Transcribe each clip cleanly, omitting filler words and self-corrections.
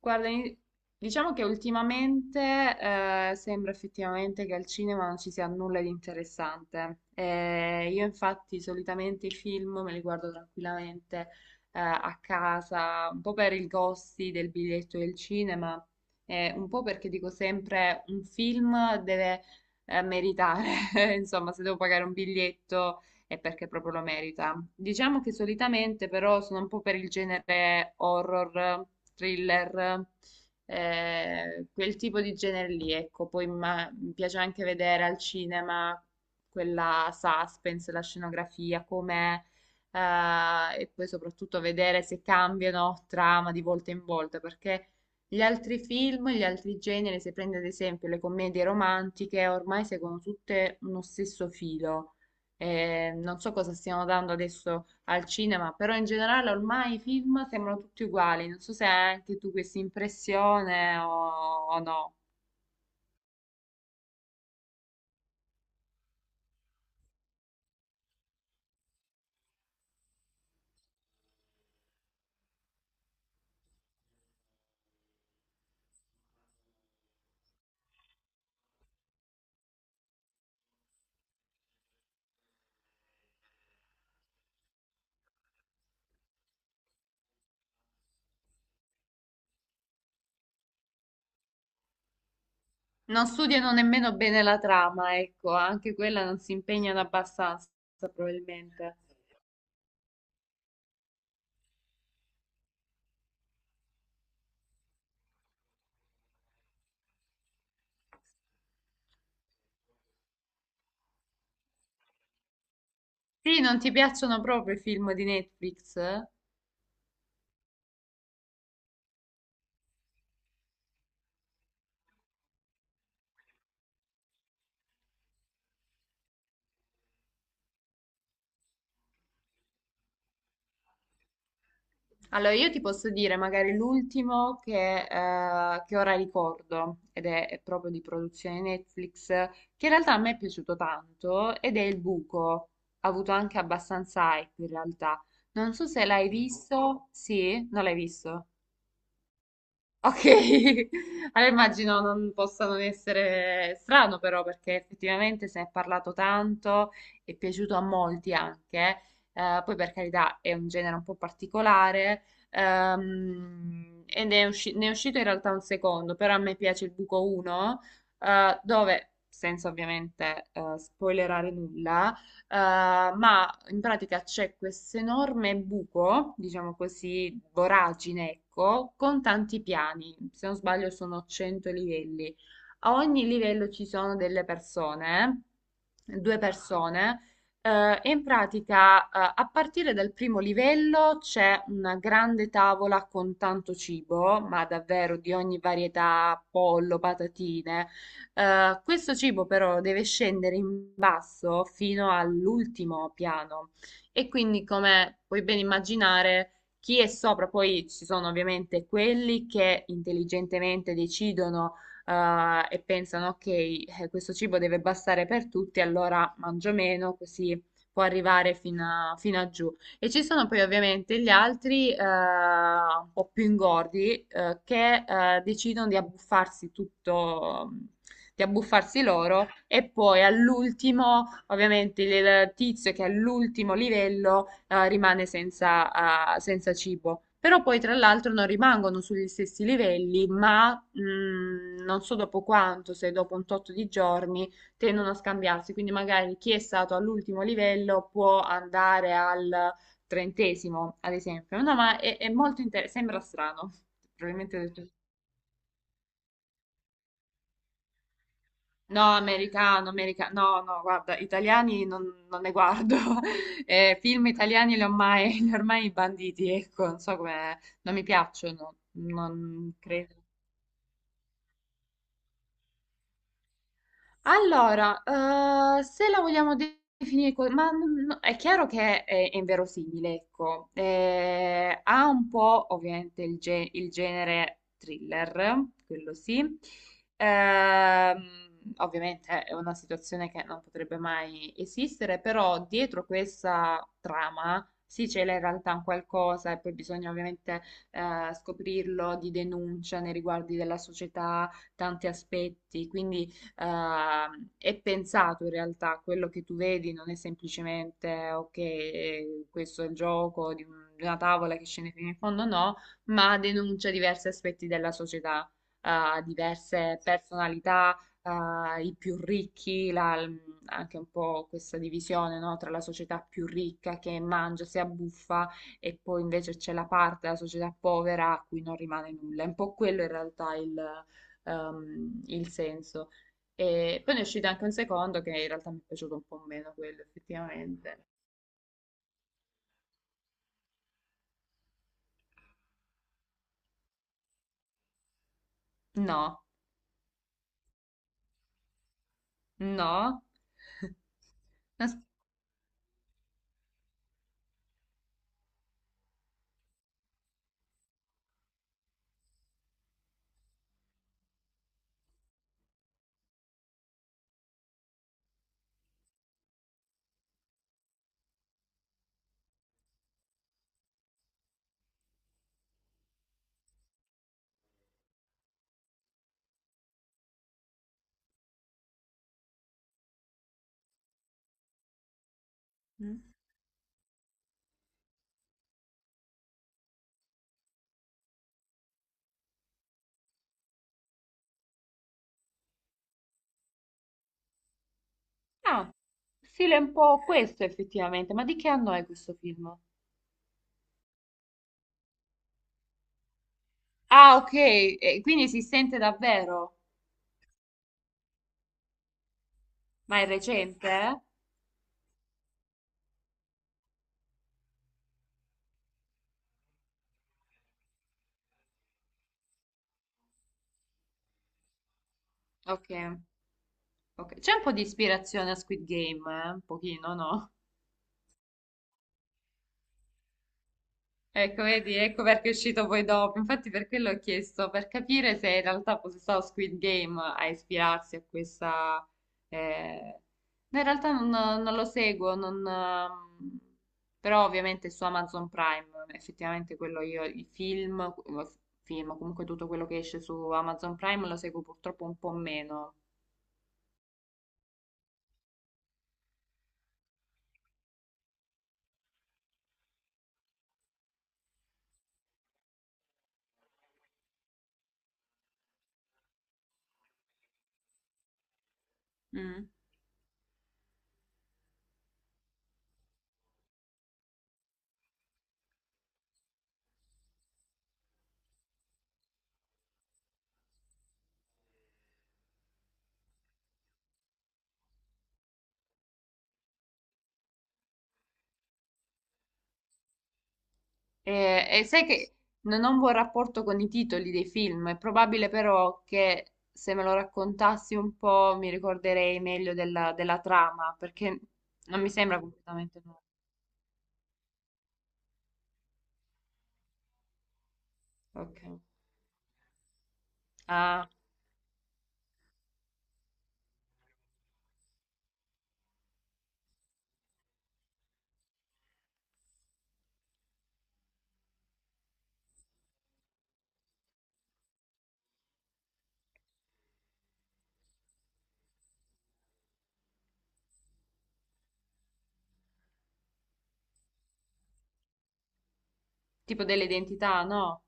Guarda, diciamo che ultimamente sembra effettivamente che al cinema non ci sia nulla di interessante. Io infatti solitamente i film me li guardo tranquillamente a casa, un po' per i costi del biglietto del cinema, un po' perché dico sempre un film deve meritare, insomma, se devo pagare un biglietto e perché proprio lo merita. Diciamo che solitamente però sono un po' per il genere horror, thriller, quel tipo di genere lì, ecco. Poi mi piace anche vedere al cinema quella suspense, la scenografia, com'è. E poi soprattutto vedere se cambiano trama di volta in volta, perché gli altri film, gli altri generi, se prendi ad esempio le commedie romantiche, ormai seguono tutte uno stesso filo. Non so cosa stiano dando adesso al cinema, però in generale ormai i film sembrano tutti uguali. Non so se hai anche tu questa impressione o no. Non studiano nemmeno bene la trama, ecco, anche quella non si impegnano abbastanza, probabilmente. Sì, non ti piacciono proprio i film di Netflix? Allora, io ti posso dire magari l'ultimo che ora ricordo, è proprio di produzione Netflix, che in realtà a me è piaciuto tanto, ed è Il Buco. Ha avuto anche abbastanza hype in realtà. Non so se l'hai visto. Sì? Non l'hai visto? Ok, allora immagino non possa non essere strano però perché effettivamente se ne è parlato tanto, è piaciuto a molti anche, poi per carità è un genere un po' particolare e ne è uscito in realtà un secondo, però a me piace il buco 1 dove, senza ovviamente spoilerare nulla, eh, ma in pratica c'è questo enorme buco, diciamo così, voragine, ecco, con tanti piani. Se non sbaglio sono 100 livelli. A ogni livello ci sono delle persone, due persone. E in pratica, a partire dal primo livello c'è una grande tavola con tanto cibo, ma davvero di ogni varietà, pollo, patatine, questo cibo però deve scendere in basso fino all'ultimo piano e quindi come puoi ben immaginare chi è sopra, poi ci sono ovviamente quelli che intelligentemente decidono e pensano ok, questo cibo deve bastare per tutti, allora mangio meno così può arrivare fino a giù. E ci sono poi ovviamente gli altri, un po' più ingordi, che decidono di abbuffarsi tutto, di abbuffarsi loro e poi all'ultimo, ovviamente, il tizio che è all'ultimo livello rimane senza, senza cibo. Però poi tra l'altro non rimangono sugli stessi livelli, ma non so dopo quanto, se dopo un tot di giorni, tendono a scambiarsi. Quindi magari chi è stato all'ultimo livello può andare al trentesimo, ad esempio. No, ma è molto interessante, sembra strano. Probabilmente ho detto, no, americano, americano, no, no, guarda, italiani non ne guardo. Film italiani li ho mai, li ho ormai banditi, ecco, non so come, non mi piacciono, non credo. Allora, se la vogliamo definire, no, è chiaro che è inverosimile, ecco. Ha un po' ovviamente il genere thriller, quello sì. Ovviamente è una situazione che non potrebbe mai esistere, però dietro questa trama sì c'è in realtà un qualcosa e poi bisogna ovviamente scoprirlo di denuncia nei riguardi della società, tanti aspetti, quindi è pensato in realtà, quello che tu vedi non è semplicemente ok, questo è il gioco di una tavola che scende fino in fondo, no, ma denuncia diversi aspetti della società, diverse personalità, i più ricchi, anche un po' questa divisione, no, tra la società più ricca che mangia, si abbuffa e poi invece c'è la parte della società povera a cui non rimane nulla. È un po' quello in realtà il senso. E poi ne è uscito anche un secondo che in realtà mi è piaciuto un po' meno quello, effettivamente. No, no. As- Ah, stile un po' questo effettivamente, ma di che anno è questo film? Ah, ok, e quindi si sente davvero, ma è recente? Eh? Ok, ok. C'è un po' di ispirazione a Squid Game, eh? Un pochino, no? Ecco, vedi, ecco perché è uscito poi dopo. Infatti, per quello ho chiesto, per capire se in realtà fosse stato Squid Game a ispirarsi a questa. eh, No, in realtà non lo seguo, non, però ovviamente su Amazon Prime, effettivamente quello io, film, comunque tutto quello che esce su Amazon Prime lo seguo purtroppo un po' meno. Mm. E sai che non ho un buon rapporto con i titoli dei film, è probabile però che se me lo raccontassi un po' mi ricorderei meglio della trama, perché non mi sembra completamente nuovo. Ok. Ah, tipo dell'identità, no?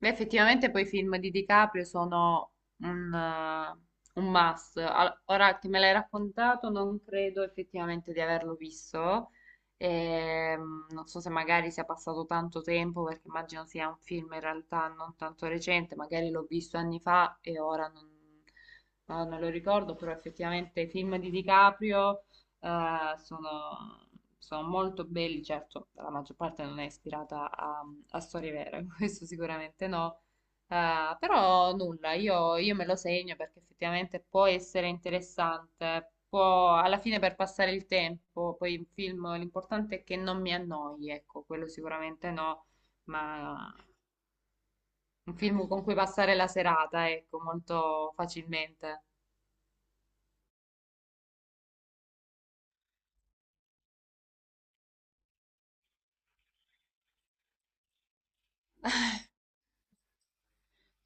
Beh, effettivamente poi i film di DiCaprio sono un must. Ora che me l'hai raccontato, non credo effettivamente di averlo visto. Non so se magari sia passato tanto tempo, perché immagino sia un film in realtà non tanto recente, magari l'ho visto anni fa e ora non, no, non lo ricordo, però effettivamente i film di DiCaprio, sono sono molto belli, certo, la maggior parte non è ispirata a storie vere, questo sicuramente no. Però nulla, io me lo segno perché effettivamente può essere interessante, può alla fine per passare il tempo, poi il film l'importante è che non mi annoi, ecco, quello sicuramente no, ma un film con cui passare la serata, ecco, molto facilmente.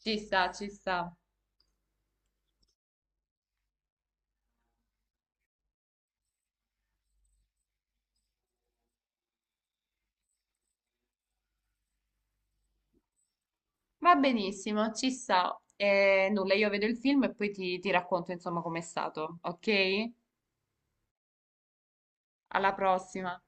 Ci sta, ci sta. Va benissimo, ci sta. E nulla, io vedo il film e poi ti racconto insomma com'è stato, ok? Alla prossima.